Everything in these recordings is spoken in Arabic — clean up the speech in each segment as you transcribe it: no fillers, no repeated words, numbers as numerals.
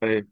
طيب،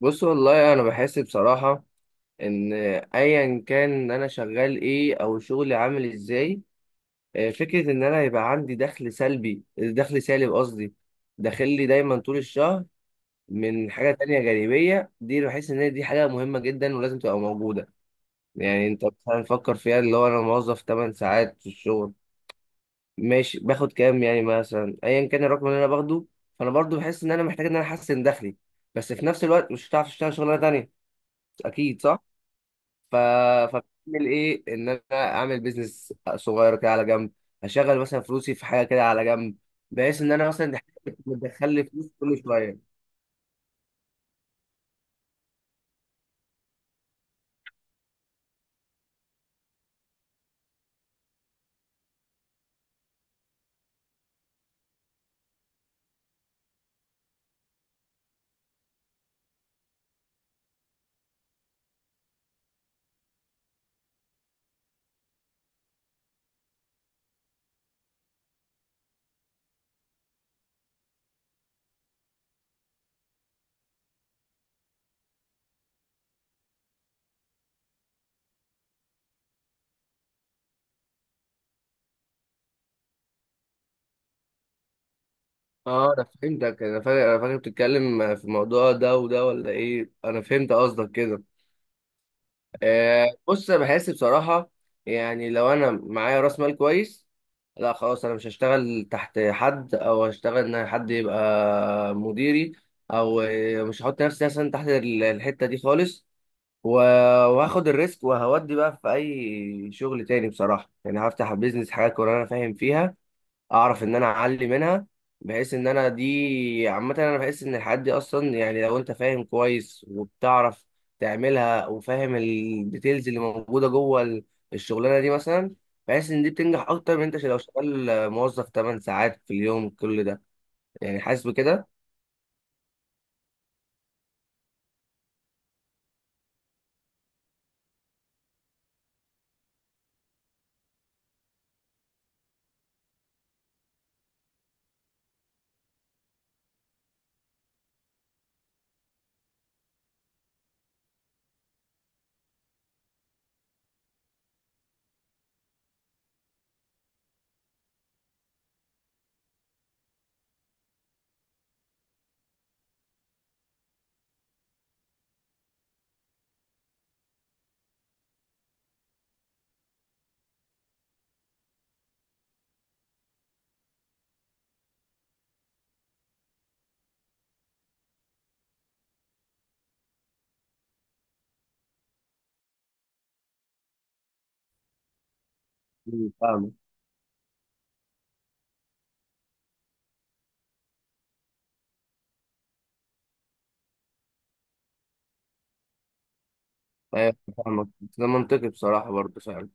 بص والله انا بحس بصراحه ان ايا كان ان انا شغال ايه او شغلي عامل ازاي. فكره ان انا يبقى عندي دخل سلبي، دخل سالب قصدي، داخل لي دايما طول الشهر من حاجه تانية جانبيه، دي بحس ان هي دي حاجه مهمه جدا ولازم تبقى موجوده. يعني انت مثلا فكر فيها، اللي هو انا موظف 8 ساعات في الشغل، ماشي باخد كام يعني مثلا، ايا كان الرقم اللي انا باخده، فانا برضو بحس ان انا محتاج ان انا احسن دخلي، بس في نفس الوقت مش هتعرف تشتغل شغلانه تانية، اكيد صح. ف فبعمل ايه؟ ان انا اعمل بيزنس صغير كده على جنب، اشغل مثلا فلوسي في حاجه كده على جنب، بحيث ان انا مثلا دي حاجة بتدخل لي فلوس كل شويه. اه انا فهمتك، انا فاكر بتتكلم في الموضوع ده، وده ولا ايه؟ انا فهمت قصدك كده. بص انا بحس بصراحه، يعني لو انا معايا راس مال كويس، لا خلاص انا مش هشتغل تحت حد او هشتغل ان حد يبقى مديري، او مش هحط نفسي مثلا تحت الحته دي خالص. و- وهاخد الريسك وهودي بقى في اي شغل تاني، بصراحه يعني هفتح بيزنس حاجات وانا فاهم فيها، اعرف ان انا اعلي منها، بحيث ان انا دي عامه. انا بحس ان الحاجات دي اصلا، يعني لو انت فاهم كويس وبتعرف تعملها وفاهم الديتيلز اللي موجوده جوه الشغلانه دي مثلا، بحس ان دي بتنجح اكتر من انت لو شغال موظف 8 ساعات في اليوم، كل ده يعني حاسس بكده. فاهمك. ايوه فاهمك، بس ده منطقي بصراحه برضه فعلا.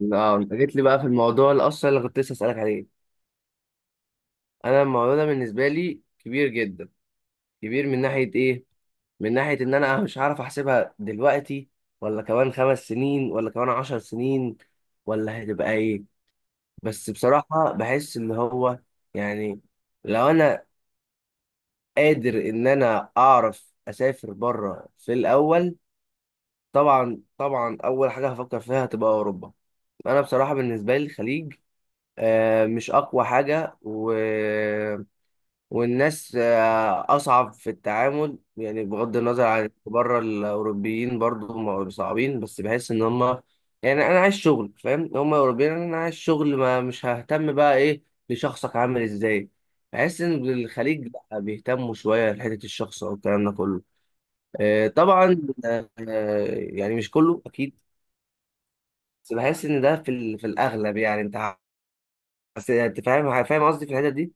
لا، انت جيت لي بقى في الموضوع الاصل اللي كنت لسه اسالك عليه. انا الموضوع ده بالنسبه لي كبير جدا، كبير من ناحيه ايه؟ من ناحية إن أنا مش عارف أحسبها دلوقتي، ولا كمان 5 سنين، ولا كمان 10 سنين، ولا هتبقى إيه. بس بصراحة بحس إن هو، يعني لو أنا قادر إن أنا أعرف أسافر بره، في الأول طبعا طبعا أول حاجة هفكر فيها هتبقى أوروبا. أنا بصراحة بالنسبة لي الخليج مش أقوى حاجة، والناس أصعب في التعامل، يعني بغض النظر عن إن بره الأوروبيين برضو صعبين، بس بحس إن هما، يعني أنا عايز شغل فاهم، هما أوروبيين، أنا عايز شغل ما مش ههتم بقى إيه لشخصك عامل إزاي، بحس إن الخليج لأ، بيهتموا شوية لحتة الشخص أو الكلام ده كله. طبعا يعني مش كله أكيد، بس بحس إن ده في في الأغلب، يعني بس أنت فاهم قصدي في الحتة دي.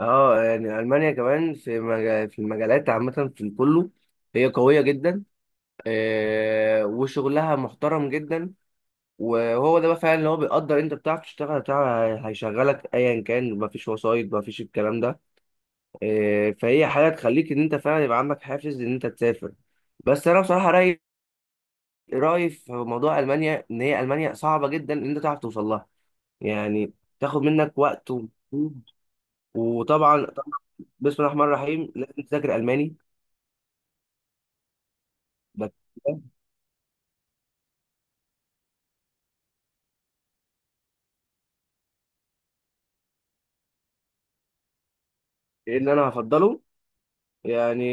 اه يعني المانيا كمان في في المجالات عامه في كله، هي قويه جدا، وشغلها محترم جدا، وهو ده بقى فعلا اللي هو بيقدر، انت بتعرف تشتغل، بتاع هيشغلك ايا كان، مفيش وسايط مفيش الكلام ده. فهي حاجه تخليك ان انت فعلا يبقى عندك حافز ان انت تسافر. بس انا بصراحه رايي، في موضوع المانيا، ان هي المانيا صعبه جدا ان انت تعرف توصل لها، يعني تاخد منك وقت ومجهود. وطبعا طبعاً بسم الله الرحمن الرحيم لازم تذاكر الماني. بس ايه اللي انا هفضله؟ يعني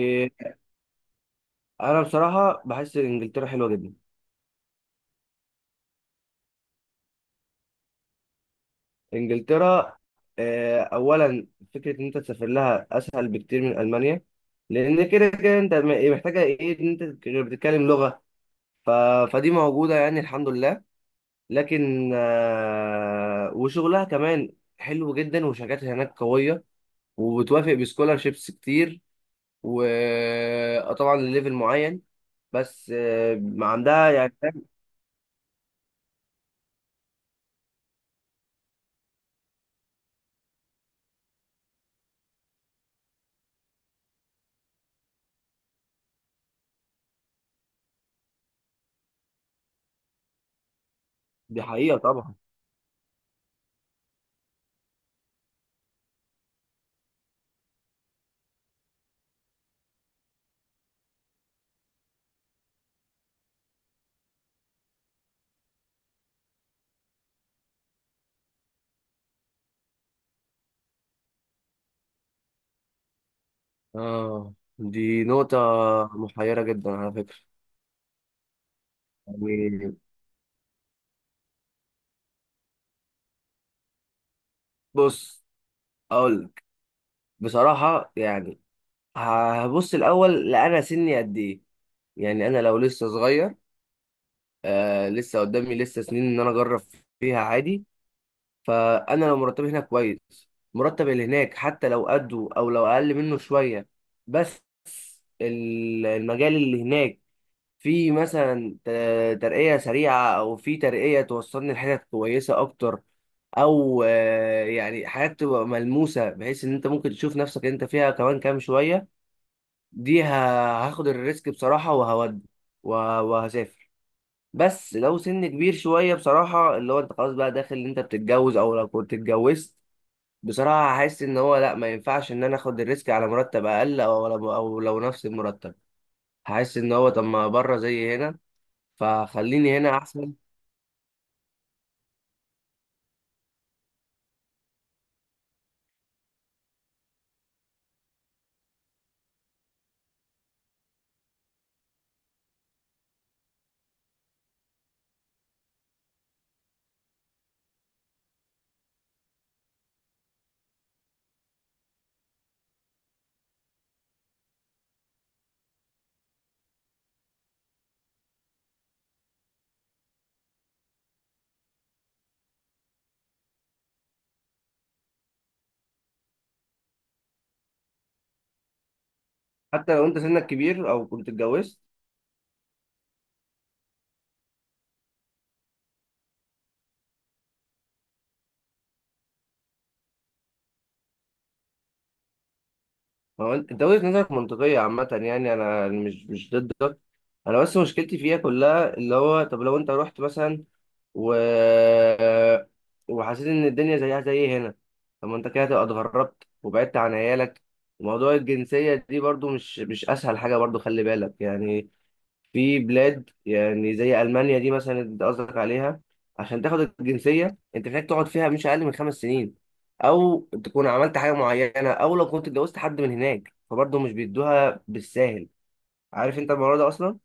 انا بصراحه بحس ان انجلترا حلوه جدا. انجلترا، اولا فكره ان انت تسافر لها اسهل بكتير من المانيا، لان كده كده انت محتاجه ايه ان انت بتتكلم لغه. ف... فدي موجوده يعني الحمد لله. لكن وشغلها كمان حلو جدا، وشركاتها هناك قويه، وبتوافق بسكولارشيبس كتير، وطبعا لليفل معين، بس عندها يعني. دي حقيقة طبعا. اه دي نقطة محيرة جدا على فكرة. يعني بص أقول لك بصراحة يعني، هبص الأول لأنا سني قد إيه. يعني أنا لو لسه صغير، لسه قدامي لسه سنين إن أنا أجرب فيها عادي، فأنا لو مرتبي هنا كويس، مرتب اللي هناك حتى لو قده أو لو أقل منه شوية، بس المجال اللي هناك في مثلا ترقية سريعة، أو في ترقية توصلني لحتت كويسة أكتر، أو يعني حاجات تبقى ملموسة، بحيث إن أنت ممكن تشوف نفسك أنت فيها كمان كام شوية، دي ه- هاخد الريسك بصراحة وهودي، وهسافر. بس لو سن كبير شوية بصراحة، اللي هو أنت خلاص بقى داخل إن أنت بتتجوز أو لو كنت اتجوزت، بصراحة هحس إن هو لأ، ما ينفعش إن أنا آخد الريسك على مرتب أقل، أو لو نفس المرتب، هحس إن هو طب ما بره زي هنا، فخليني هنا احسن. حتى لو انت سنك كبير او كنت اتجوزت؟ هو انت وجهة نظرك منطقية عامة، يعني انا مش ضدك، انا بس مشكلتي فيها كلها، اللي هو طب لو انت رحت مثلا و وحسيت ان الدنيا زيها زي هنا، طب ما انت كده هتبقى اتغربت وبعدت عن عيالك. وموضوع الجنسية دي برضو مش اسهل حاجة برضو، خلي بالك يعني. في بلاد يعني زي ألمانيا دي مثلا اللي انت قصدك عليها، عشان تاخد الجنسية انت محتاج تقعد فيها مش أقل من 5 سنين، أو تكون عملت حاجة معينة، أو لو كنت اتجوزت حد من هناك فبرضه مش بيدوها بالساهل. عارف انت الموضوع ده أصلا؟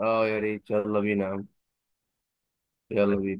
اه يا ريت، يلا بينا يا عم. يلا بينا.